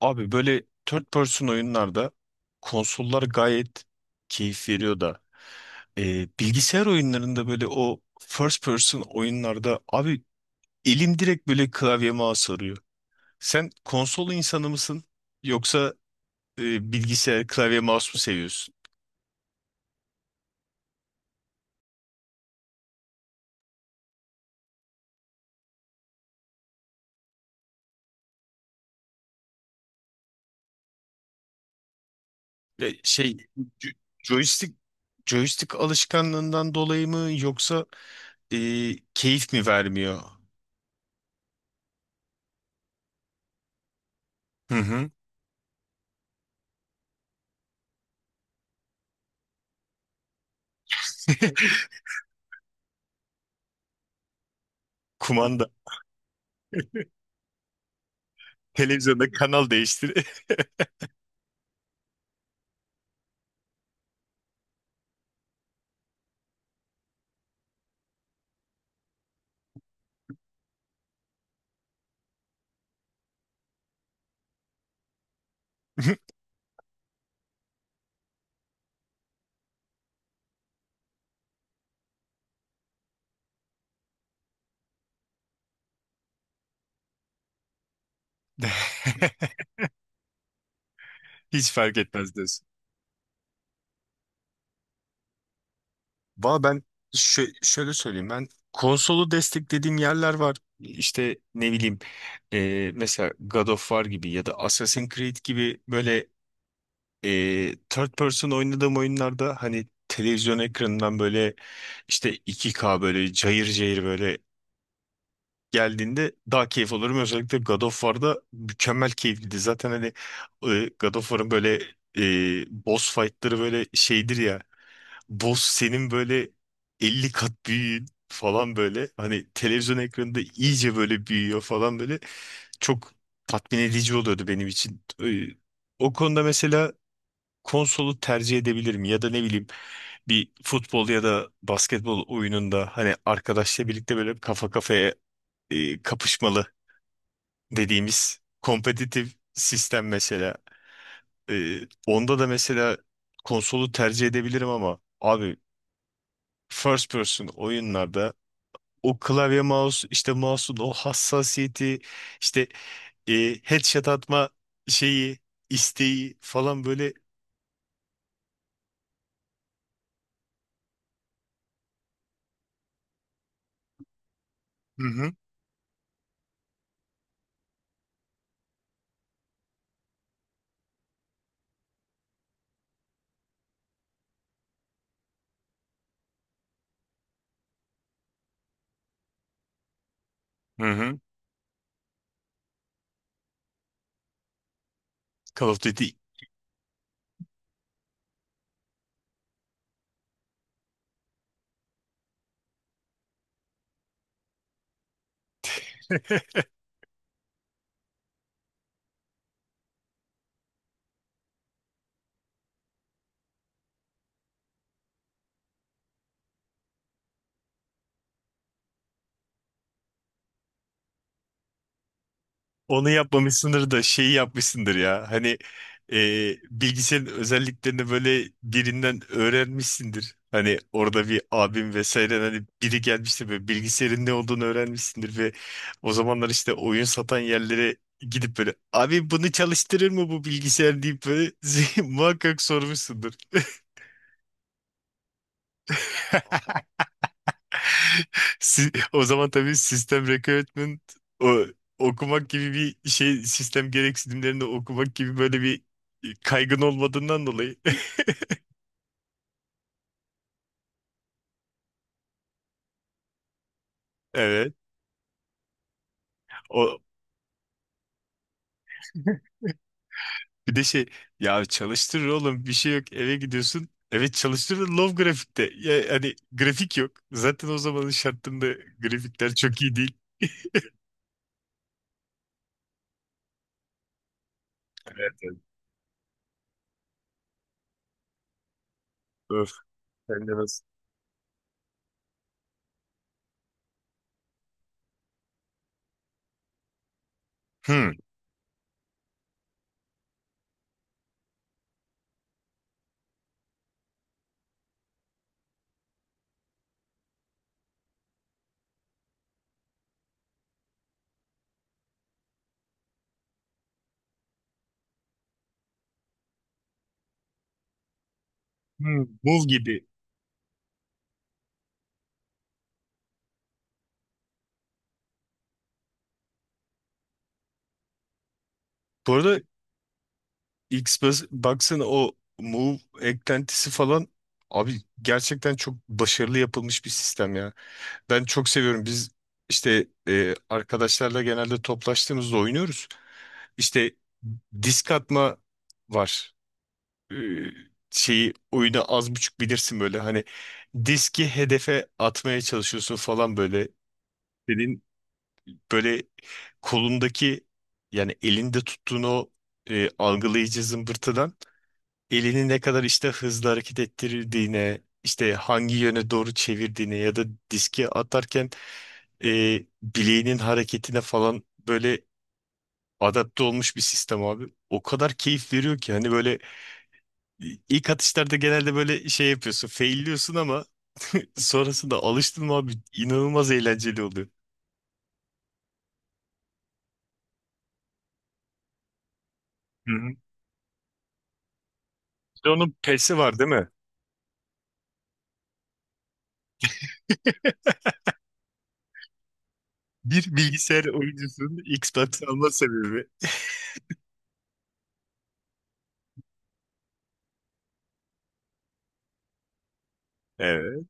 Abi böyle third person oyunlarda konsollar gayet keyif veriyor da bilgisayar oyunlarında böyle o first person oyunlarda abi elim direkt böyle klavyeme mouse. Sen konsol insanı mısın yoksa bilgisayar klavye mouse mu seviyorsun? Şey, jo- joystick, joystick alışkanlığından dolayı mı yoksa e, keyif mi vermiyor? Hı hı. Kumanda televizyonda kanal değiştir. Hiç fark etmez diyorsun. Valla ben şöyle söyleyeyim, ben konsolu desteklediğim yerler var. İşte ne bileyim, mesela God of War gibi ya da Assassin's Creed gibi böyle third person oynadığım oyunlarda, hani televizyon ekranından böyle işte 2K böyle cayır cayır böyle geldiğinde daha keyif alırım. Özellikle God of War'da mükemmel keyifliydi. Zaten hani God of War'ın böyle boss fight'ları böyle şeydir ya, boss senin böyle 50 kat büyüğün falan böyle. Hani televizyon ekranında iyice böyle büyüyor falan böyle. Çok tatmin edici oluyordu benim için. O konuda mesela konsolu tercih edebilirim ya da ne bileyim, bir futbol ya da basketbol oyununda hani arkadaşla birlikte böyle kafa kafaya kapışmalı dediğimiz kompetitif sistem mesela. Ee, Onda da mesela konsolu tercih edebilirim ama abi, first person oyunlarda o klavye mouse, işte mouse'un o hassasiyeti, işte e, headshot atma şeyi, isteği falan böyle. Hı hı, hı hı. Call of Duty. Onu yapmamışsındır da şeyi yapmışsındır ya. Hani e, bilgisayarın özelliklerini böyle birinden öğrenmişsindir. Hani orada bir abim vesaire, hani biri gelmiştir böyle, bilgisayarın ne olduğunu öğrenmişsindir ve o zamanlar işte oyun satan yerlere gidip böyle, abi bunu çalıştırır mı bu bilgisayar deyip böyle muhakkak sormuşsundur. O zaman tabii sistem requirement o, okumak gibi bir şey, sistem gereksinimlerini okumak gibi böyle bir kaygın olmadığından dolayı. Evet. O bir de şey, ya çalıştırır oğlum bir şey yok, eve gidiyorsun. Evet çalıştırır low grafikte. Ya, hani grafik yok. Zaten o zamanın şartlarında grafikler çok iyi değil. Evet, evet. Öf. Sen de nasıl? Hmm. Hmm. Bul gibi. Bu arada X, baksana o Move eklentisi falan, abi gerçekten çok başarılı yapılmış bir sistem ya. Ben çok seviyorum. Biz işte arkadaşlarla genelde toplaştığımızda oynuyoruz. İşte disk atma var. E, Şeyi, oyunu az buçuk bilirsin böyle, hani diski hedefe atmaya çalışıyorsun falan böyle. Senin böyle kolundaki, yani elinde tuttuğun o algılayıcı zımbırtıdan, elini ne kadar işte hızlı hareket ettirdiğine, işte hangi yöne doğru çevirdiğine ya da diski atarken e, bileğinin hareketine falan böyle adapte olmuş bir sistem abi. O kadar keyif veriyor ki, hani böyle ilk atışlarda genelde böyle şey yapıyorsun, failliyorsun ama sonrasında alıştın mı abi, inanılmaz eğlenceli oluyor. Hı hı. Bir de onun PES'i var değil mi? Bir bilgisayar oyuncusunun Xbox alma sebebi. Evet.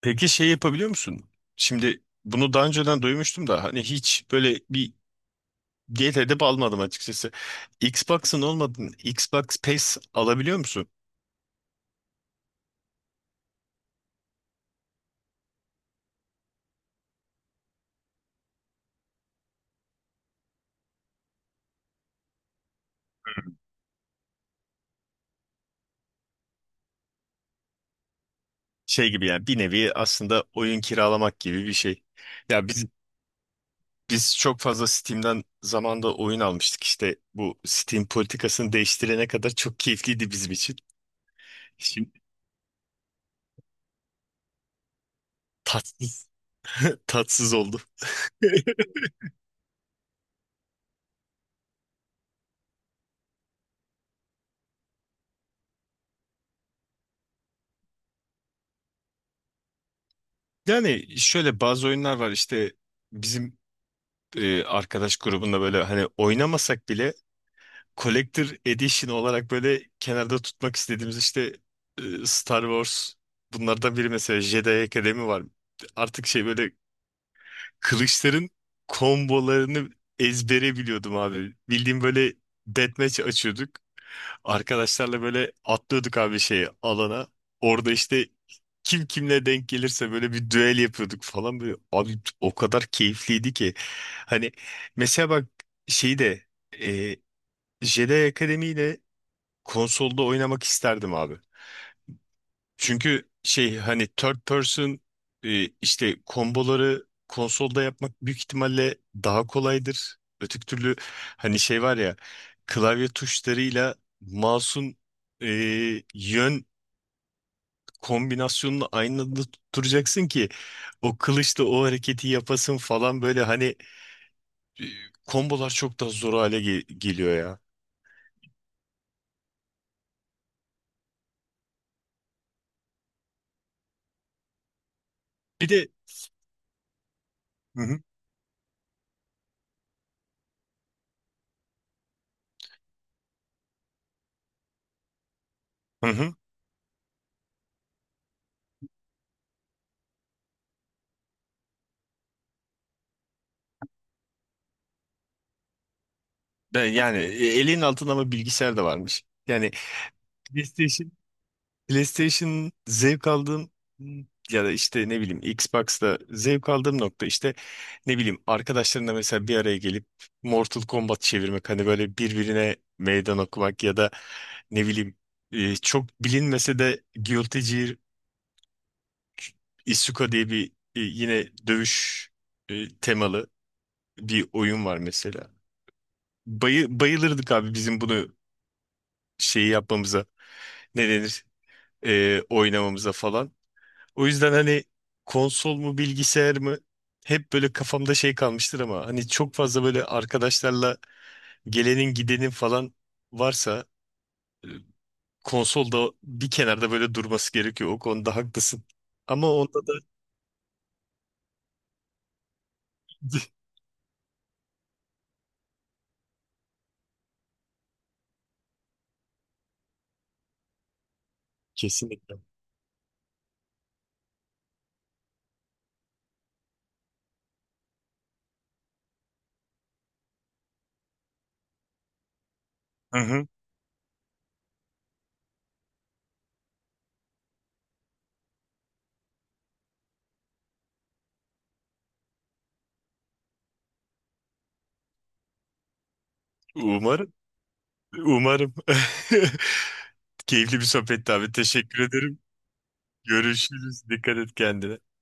Peki şey yapabiliyor musun? Şimdi bunu daha önceden duymuştum da, hani hiç böyle bir diyet edip almadım açıkçası. Xbox'ın olmadığını Xbox Pass alabiliyor musun? Şey gibi yani, bir nevi aslında oyun kiralamak gibi bir şey. Ya biz, biz çok fazla Steam'den zamanda oyun almıştık, işte bu Steam politikasını değiştirene kadar çok keyifliydi bizim için. Şimdi tatsız, tatsız oldu. Yani şöyle bazı oyunlar var, işte bizim arkadaş grubunda böyle hani oynamasak bile Collector Edition olarak böyle kenarda tutmak istediğimiz, işte Star Wars, bunlardan biri mesela Jedi Academy var. Artık şey böyle kılıçların kombolarını ezbere biliyordum abi. Bildiğim böyle deathmatch açıyorduk. Arkadaşlarla böyle atlıyorduk abi şeye, alana. Orada işte kim kimle denk gelirse böyle bir düel yapıyorduk falan böyle. Abi o kadar keyifliydi ki. Hani mesela bak şeyi de e, Jedi Akademi ile konsolda oynamak isterdim abi. Çünkü şey, hani third person işte komboları konsolda yapmak büyük ihtimalle daha kolaydır. Öteki türlü, hani şey var ya, klavye tuşlarıyla mouse'un e, yön kombinasyonunu aynı anda tutturacaksın ki o kılıçla o hareketi yapasın falan böyle, hani e, kombolar çok daha zor hale geliyor ya. Bir de hı hı. Hı hı. Ben yani elin altında ama bilgisayar da varmış. Yani PlayStation zevk aldığım ya da işte ne bileyim, Xbox'ta zevk aldığım nokta, işte ne bileyim arkadaşlarımla mesela bir araya gelip Mortal Kombat çevirmek, hani böyle birbirine meydan okumak ya da ne bileyim çok bilinmese de Guilty Gear Isuka diye bir yine dövüş temalı bir oyun var mesela. Bayılırdık abi bizim bunu şeyi yapmamıza, ne denir, oynamamıza falan. O yüzden hani konsol mu bilgisayar mı hep böyle kafamda şey kalmıştır ama hani çok fazla böyle arkadaşlarla gelenin gidenin falan varsa e, konsolda bir kenarda böyle durması gerekiyor. O konuda haklısın. Ama onda da kesinlikle. Hı hı. Umarım. Umarım. Keyifli bir sohbetti abi. Teşekkür ederim. Görüşürüz. Dikkat et kendine.